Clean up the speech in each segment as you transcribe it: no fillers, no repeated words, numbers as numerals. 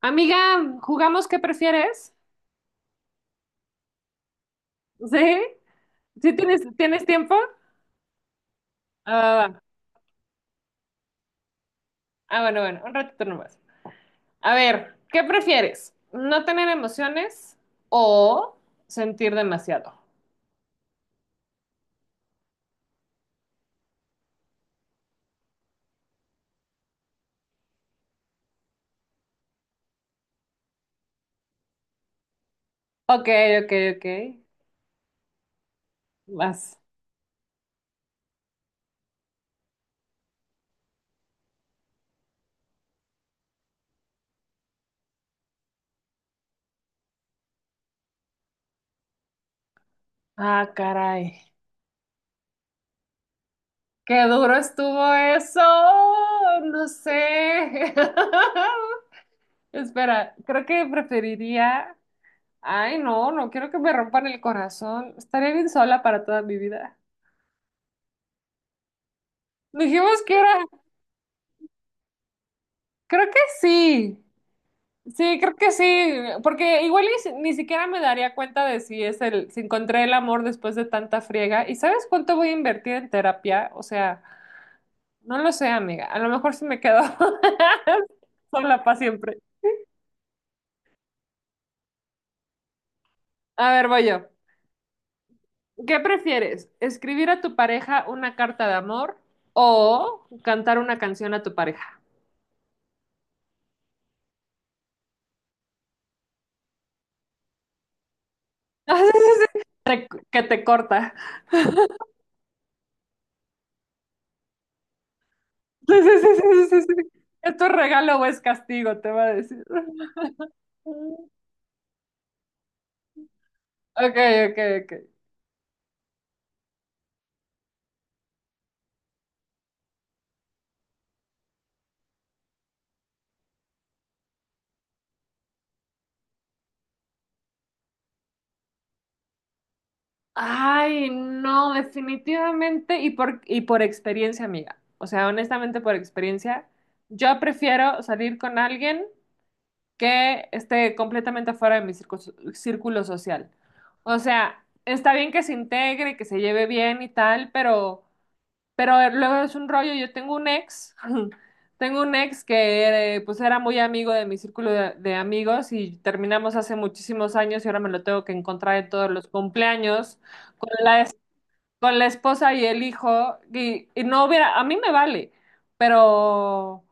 Amiga, ¿jugamos qué prefieres? ¿Sí? ¿Sí tienes tiempo? Ah, va. Ah, bueno, bueno, un ratito nomás. A ver, ¿qué prefieres? ¿No tener emociones o sentir demasiado? Ok, ok, ok. Vas. Ah, caray. Qué duro estuvo eso. No sé. Espera, creo que preferiría. Ay, no, no quiero que me rompan el corazón. Estaría bien sola para toda mi vida. Dijimos que era, creo que sí, sí, creo que sí, porque igual y ni siquiera me daría cuenta de si es el, si encontré el amor después de tanta friega. ¿Y sabes cuánto voy a invertir en terapia? O sea, no lo sé, amiga. A lo mejor sí me quedo sola para siempre. A ver, voy yo. ¿Qué prefieres? ¿Escribir a tu pareja una carta de amor o cantar una canción a tu pareja? Que te corta. Sí, sí, sí, sí, sí, sí. ¿Esto es regalo o es castigo? Te va a decir. Ok, ok, ok. Ay, no, definitivamente y por experiencia, amiga. O sea, honestamente por experiencia, yo prefiero salir con alguien que esté completamente fuera de mi círculo social. O sea, está bien que se integre, que se lleve bien y tal, pero luego es un rollo, yo tengo un ex, tengo un ex que pues era muy amigo de mi círculo de amigos y terminamos hace muchísimos años y ahora me lo tengo que encontrar en todos los cumpleaños con con la esposa y el hijo y no hubiera, a mí me vale, pero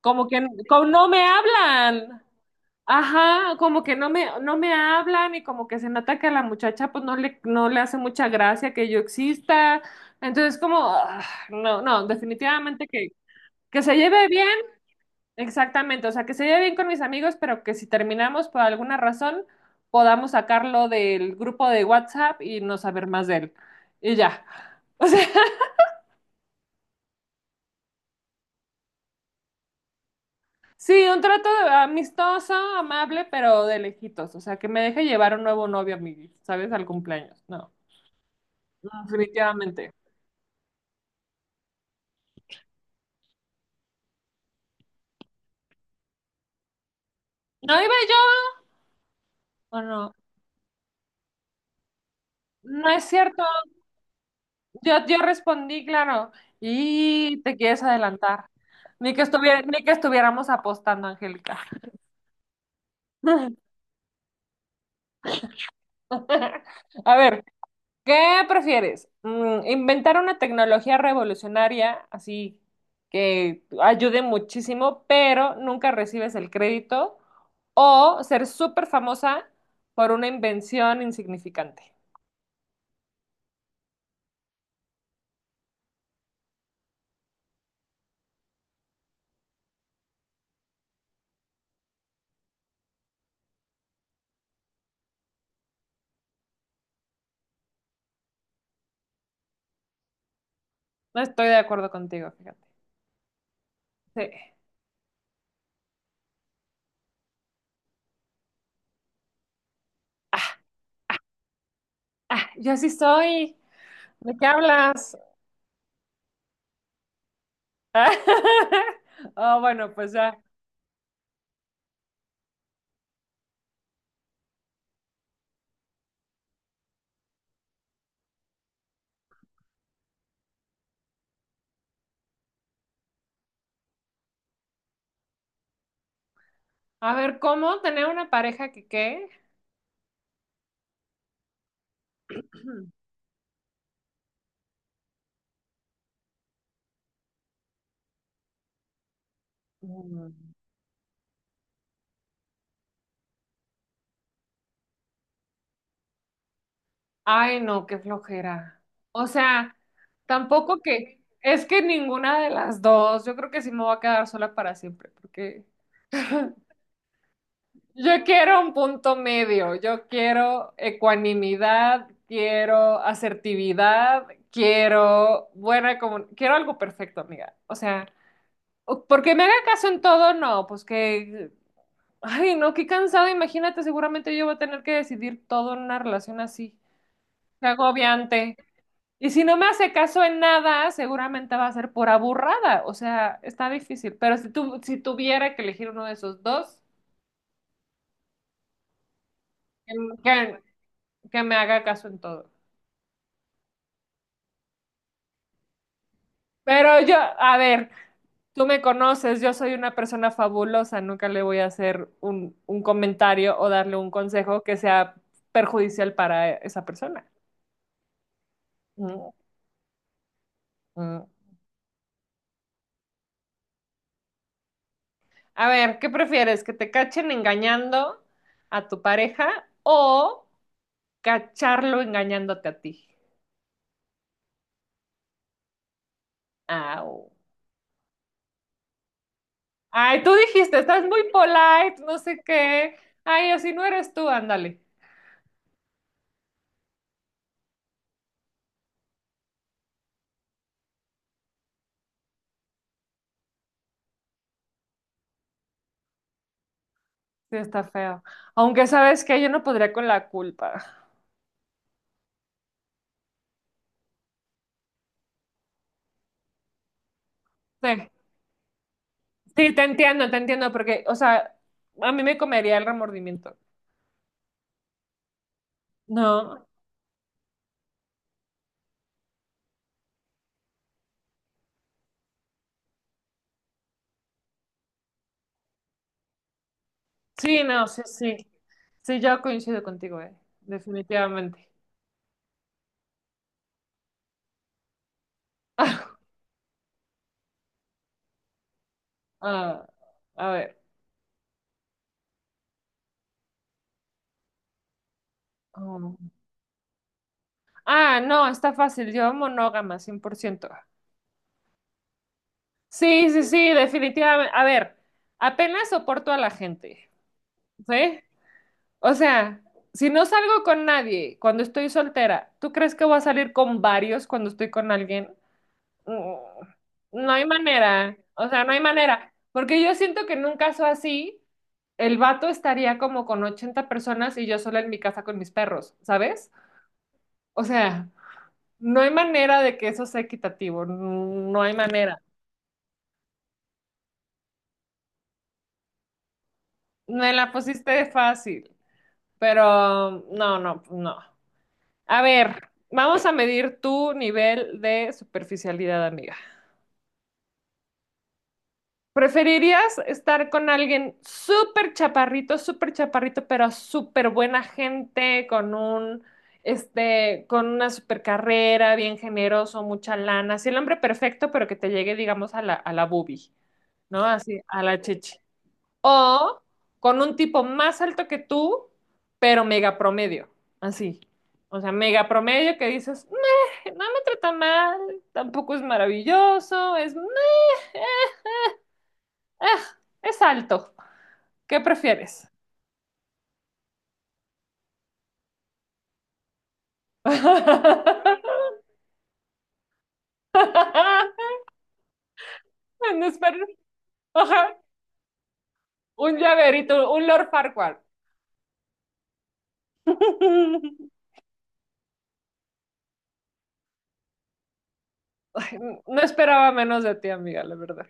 como que como no me hablan. Ajá, como que no me hablan y como que se nota que a la muchacha pues no le hace mucha gracia que yo exista. Entonces como, ah, no, no, definitivamente que se lleve bien, exactamente, o sea, que se lleve bien con mis amigos, pero que si terminamos por alguna razón, podamos sacarlo del grupo de WhatsApp y no saber más de él. Y ya. O sea, sí, un amistoso, amable, pero de lejitos. O sea, que me deje llevar un nuevo novio a mi, ¿sabes? Al cumpleaños. No. Definitivamente. ¿No iba yo o no? No es cierto. Yo respondí, claro. Y te quieres adelantar. Ni que estuviera, ni que estuviéramos apostando, Angélica. A ver, ¿qué prefieres? ¿Inventar una tecnología revolucionaria así que ayude muchísimo, pero nunca recibes el crédito? ¿O ser súper famosa por una invención insignificante? No estoy de acuerdo contigo, fíjate. Sí. Ah, yo sí soy. ¿De qué hablas? Oh, bueno, pues ya. A ver, ¿cómo tener una pareja que qué? Mm. Ay, no, qué flojera. O sea, tampoco que es que ninguna de las dos. Yo creo que sí me voy a quedar sola para siempre, porque yo quiero un punto medio. Yo quiero ecuanimidad, quiero asertividad, quiero buena comunicación, quiero algo perfecto, amiga. O sea. Porque me haga caso en todo, no, pues que, ay, no, qué cansado, imagínate, seguramente yo voy a tener que decidir todo en una relación así, qué agobiante. Y si no me hace caso en nada, seguramente va a ser por aburrada, o sea, está difícil, pero si si tuviera que elegir uno de esos dos, que, que- que me haga caso en todo. Pero yo, a ver, tú me conoces, yo soy una persona fabulosa, nunca le voy a hacer un comentario o darle un consejo que sea perjudicial para esa persona. Mm, mm. A ver, ¿qué prefieres? ¿Que te cachen engañando a tu pareja o cacharlo engañándote a ti? Au. Ay, tú dijiste, estás muy polite, no sé qué. Ay, o si no eres tú, ándale. Sí, está feo. Aunque sabes que yo no podría con la culpa. Sí, sí, te entiendo, porque, o sea, a mí me comería el remordimiento. No, sí, no, sí, sí. Sí, yo coincido contigo, definitivamente. Ah, a ver. um, Ah, no, está fácil. Yo monógama, 100%. Sí, sí, sí, definitivamente. A ver, apenas soporto a la gente, ¿sí? O sea, si no salgo con nadie cuando estoy soltera, ¿tú crees que voy a salir con varios cuando estoy con alguien? Mm. No hay manera. O sea, no hay manera. Porque yo siento que en un caso así, el vato estaría como con 80 personas y yo sola en mi casa con mis perros, ¿sabes? O sea... No hay manera de que eso sea equitativo, no hay manera. Me la pusiste fácil, pero no, no, no. A ver, vamos a medir tu nivel de superficialidad, amiga. ¿Preferirías estar con alguien súper chaparrito, pero súper buena gente, con un, este, con una súper carrera, bien generoso, mucha lana? Así el hombre perfecto, pero que te llegue, digamos, a a la boobie, ¿no? Así, a la chichi. O con un tipo más alto que tú, pero mega promedio, así. O sea, mega promedio que dices, "Meh, no me trata mal, tampoco es maravilloso, es, meh, ah, es alto. ¿Qué prefieres? No espero- Ajá, un llaverito, un Lord Farquaad. Ay, no esperaba menos de ti, amiga, la verdad.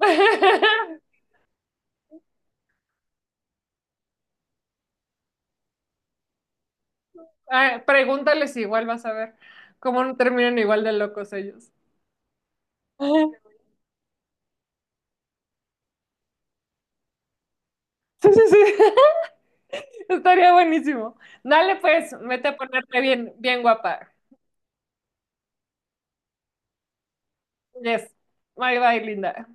Ay, pregúntales igual, vas a ver cómo no terminan igual de locos ellos. Sí, sí, sí. Estaría buenísimo. Dale pues, vete a ponerte bien, bien guapa. Yes. Bye bye, linda.